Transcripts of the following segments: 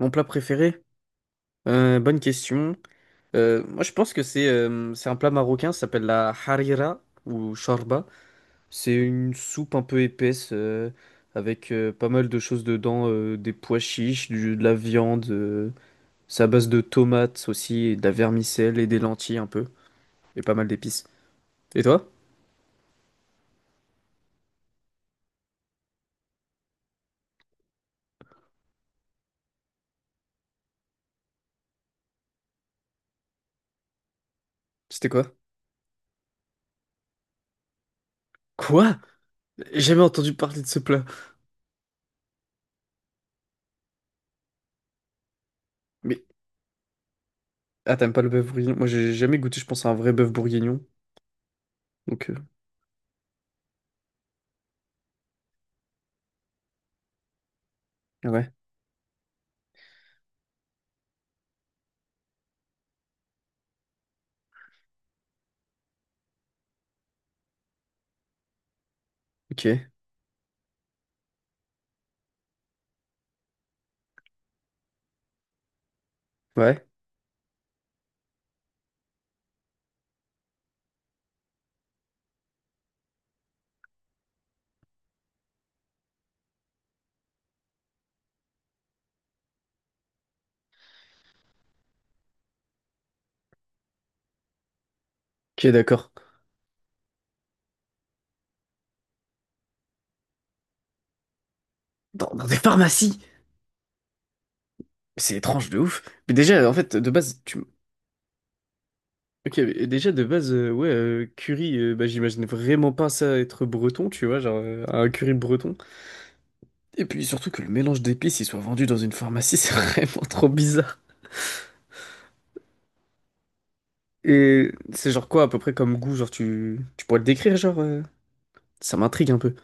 Mon plat préféré? Bonne question. Moi, je pense que c'est un plat marocain, ça s'appelle la harira ou shorba. C'est une soupe un peu épaisse, avec pas mal de choses dedans, des pois chiches, de la viande. C'est à base de tomates aussi, et de la vermicelle et des lentilles un peu, et pas mal d'épices. Et toi? C'était quoi? Quoi? J'ai jamais entendu parler de ce plat. Mais ah, t'aimes pas le bœuf bourguignon? Moi, j'ai jamais goûté, je pense, à un vrai bœuf bourguignon. Donc, ouais. Ok. Ouais. Ok, d'accord. Dans des pharmacies. C'est étrange de ouf. Mais déjà, en fait, de base, tu. Ok, mais déjà, de base, ouais, curry, bah, j'imagine vraiment pas ça être breton, tu vois, genre un curry breton. Et puis surtout que le mélange d'épices, il soit vendu dans une pharmacie, c'est vraiment trop bizarre. Et c'est genre quoi à peu près comme goût, genre tu pourrais le décrire, genre ça m'intrigue un peu.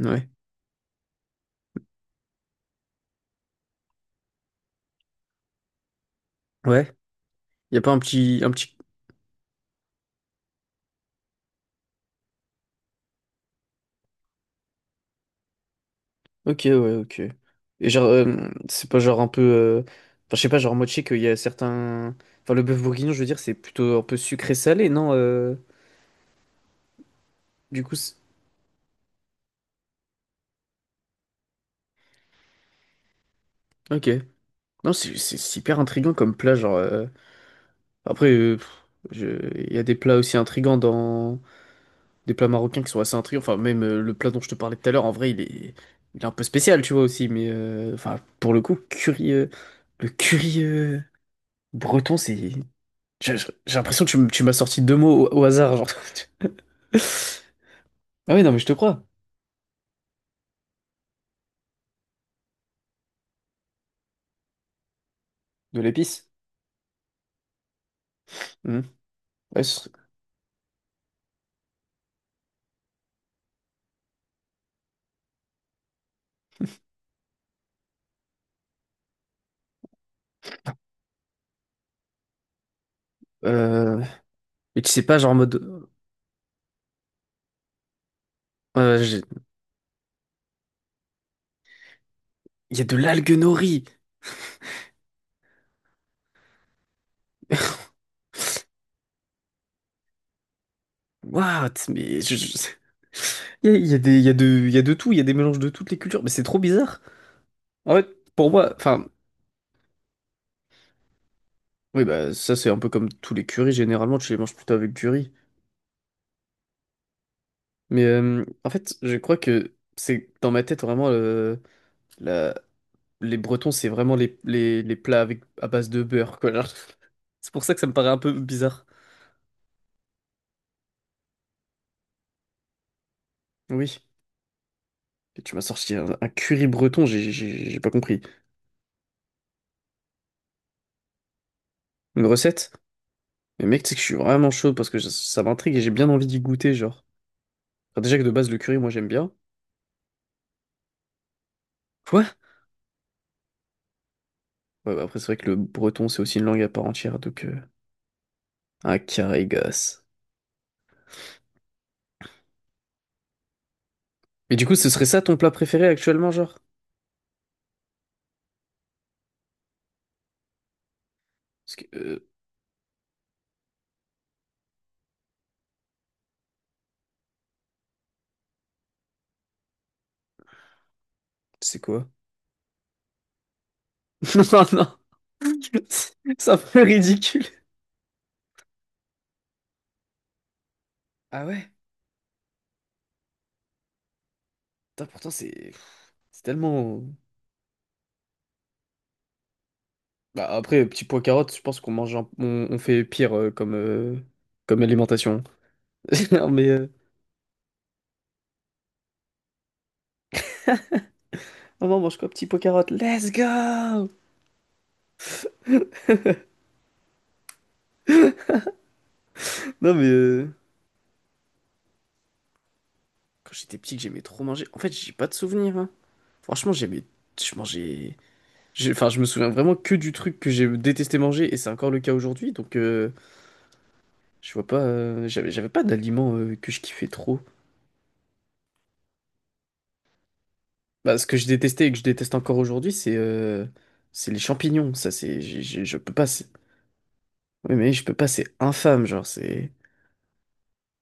Ouais. Ouais. Y a pas un petit. Ok, ouais, ok. Et genre, c'est pas genre un peu. Enfin, je sais pas, genre, moi, je sais qu'il y a certains. Enfin, le bœuf bourguignon, je veux dire, c'est plutôt un peu sucré-salé, non? Du coup, ok. Non, c'est hyper intriguant comme plat, genre. Après, pff, je- il y a des plats aussi intrigants dans. Des plats marocains qui sont assez intrigants. Enfin, même le plat dont je te parlais tout à l'heure, en vrai, il est un peu spécial, tu vois, aussi. Mais, enfin, pour le coup, curry. Le curry breton, c'est. J'ai j'ai l'impression que tu m'as sorti deux mots au hasard, genre. Ah oui, non, mais je te crois. De l'épice. Mhm. Ouais, euh, mais tu sais pas, genre en mode. euh, j'ai- Il y a de l'algue nori. What? Mais il y a, de, il y a de tout, il y a des mélanges de toutes les cultures, mais c'est trop bizarre. En fait, pour moi, enfin, oui, bah, ça c'est un peu comme tous les currys, généralement tu les manges plutôt avec du riz. Mais en fait, je crois que c'est dans ma tête vraiment la, les Bretons, c'est vraiment les plats avec, à base de beurre, quoi. Genre. C'est pour ça que ça me paraît un peu bizarre. Oui. Et tu m'as sorti un curry breton, j'ai pas compris. Une recette? Mais mec, tu sais que je suis vraiment chaud parce que ça m'intrigue et j'ai bien envie d'y goûter, genre. Enfin, déjà que de base, le curry, moi, j'aime bien. Quoi? Ouais, bah après, c'est vrai que le breton, c'est aussi une langue à part entière, donc, un carré gosse. Mais du coup, ce serait ça ton plat préféré actuellement, genre? Parce que c'est quoi? Non, non! C'est un peu ridicule. Ah ouais? Putain, pourtant, c'est tellement. Bah, après, petit pois carotte, je pense qu'on mange, on fait pire comme, comme alimentation. Non mais, maman, mange quoi, petit pois carotte? Let's go! Non mais, quand j'étais petit, que j'aimais trop manger. En fait, j'ai pas de souvenirs. Hein. Franchement, j'aimais, je mangeais. Enfin, je me souviens vraiment que du truc que j'ai détesté manger, et c'est encore le cas aujourd'hui. Donc, je vois pas. J'avais pas d'aliments que je kiffais trop. Bah, ce que je détestais et que je déteste encore aujourd'hui, c'est les champignons. Ça, c'est, je peux pas. Oui, mais oui, je peux pas, c'est infâme, genre, c'est.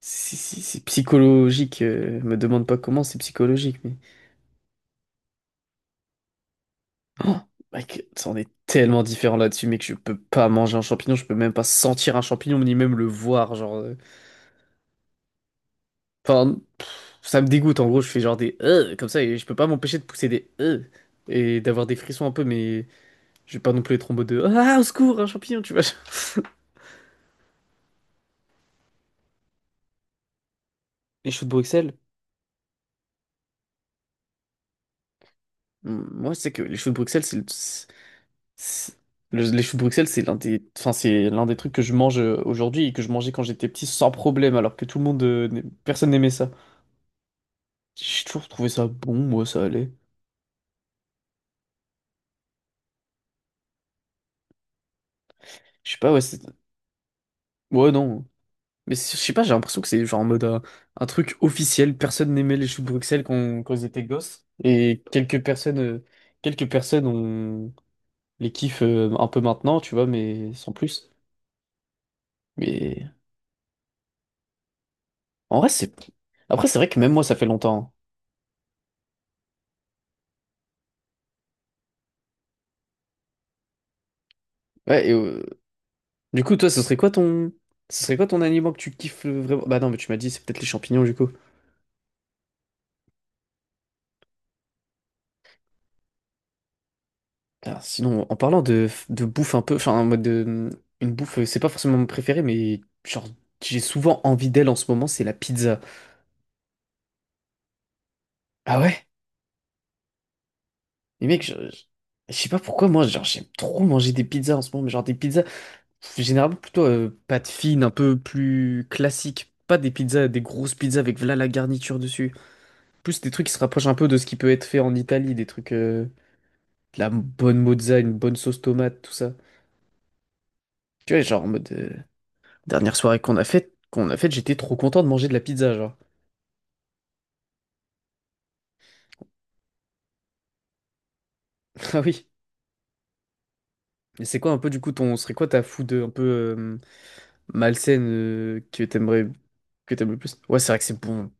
C'est psychologique. Me demande pas comment, c'est psychologique, mais. Oh, mec, ça, on est tellement différent là-dessus, mec, je peux pas manger un champignon, je peux même pas sentir un champignon, ni même le voir, genre. Enfin, ça me dégoûte, en gros, je fais genre des. Comme ça, et je peux pas m'empêcher de pousser des. Et d'avoir des frissons un peu, mais. Je vais pas non plus être en mode de. Ah, au secours, un champignon, tu vois. Les choux de Bruxelles? Moi, je sais que les choux de Bruxelles, c'est le... C'est- les choux de Bruxelles, c'est l'un des, enfin, c'est l'un des trucs que je mange aujourd'hui et que je mangeais quand j'étais petit sans problème, alors que tout le monde, personne n'aimait ça. J'ai toujours trouvé ça bon, moi, ça allait. Je sais pas, ouais, ouais, non. Mais je sais pas, j'ai l'impression que c'est genre en mode un truc officiel. Personne n'aimait les choux de Bruxelles quand ils étaient gosses. Et quelques personnes ont les kiffent un peu maintenant, tu vois, mais sans plus. Mais en vrai, c'est. Après, c'est vrai que même moi, ça fait longtemps. Hein. Ouais, et, du coup, toi, ce serait quoi ton. Ce serait quoi ton aliment que tu kiffes vraiment? Bah non, mais tu m'as dit, c'est peut-être les champignons, du coup. Alors, sinon, en parlant de bouffe un peu, enfin, en mode de. Une bouffe, c'est pas forcément mon préféré, mais genre, j'ai souvent envie d'elle en ce moment, c'est la pizza. Ah ouais? Mais mec, je sais pas pourquoi, moi, genre, j'aime trop manger des pizzas en ce moment, mais genre des pizzas, généralement plutôt pâte fine, un peu plus classique. Pas des pizzas, des grosses pizzas avec voilà la garniture dessus. Plus des trucs qui se rapprochent un peu de ce qui peut être fait en Italie, des trucs, de la bonne mozza, une bonne sauce tomate, tout ça. Tu vois, genre en mode dernière soirée qu'on a faite, j'étais trop content de manger de la pizza, genre. Ah oui. Et c'est quoi un peu du coup serait quoi ta food un peu malsaine que t'aimerais, que t'aimes le plus? Ouais, c'est vrai que c'est bon.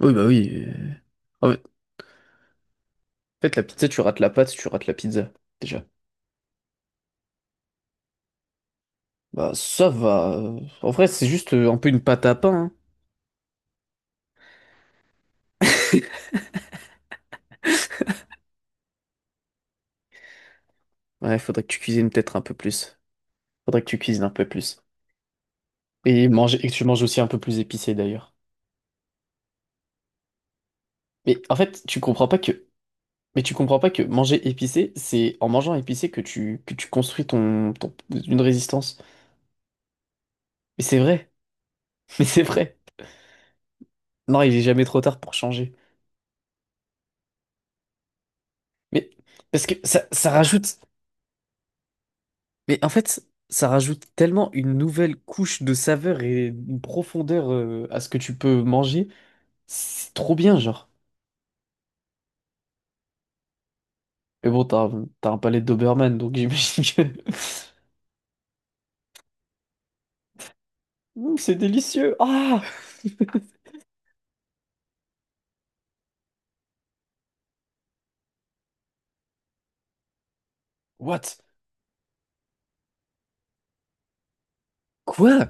Oui, bah oui. En fait, en fait, la pizza, tu rates la pâte, tu rates la pizza, déjà. Bah ça va. En vrai, c'est juste un peu une pâte à pain. Hein. Ouais, faudrait que tu cuisines peut-être un peu plus. Faudrait que tu cuisines un peu plus. Et manger, et que tu manges aussi un peu plus épicé d'ailleurs. Mais en fait, tu comprends pas que manger épicé, c'est en mangeant épicé que tu construis ton, une résistance. Mais c'est vrai, mais c'est vrai. Non, il est jamais trop tard pour changer. Mais parce que ça rajoute, mais en fait, ça rajoute tellement une nouvelle couche de saveur et une profondeur à ce que tu peux manger. C'est trop bien, genre. Mais bon, t'as un palais de Doberman, donc j'imagine que Mm, c'est délicieux. Ah! What? Quoi?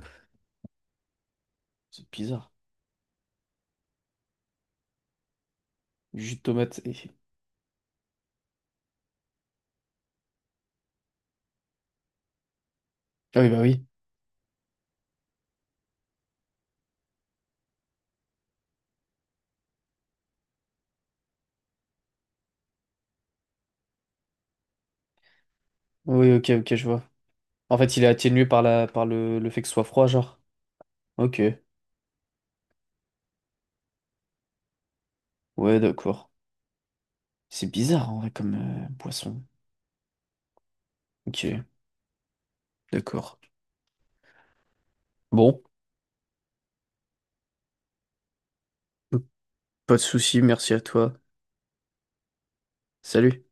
C'est bizarre. Jus de tomate et. Ah oui, bah oui. Oui, ok, ok, je vois. En fait, il est atténué par par le fait que ce soit froid, genre. Ok, ouais, d'accord. C'est bizarre, en vrai, comme boisson. Ok, d'accord. Bon, pas de souci, merci à toi. Salut.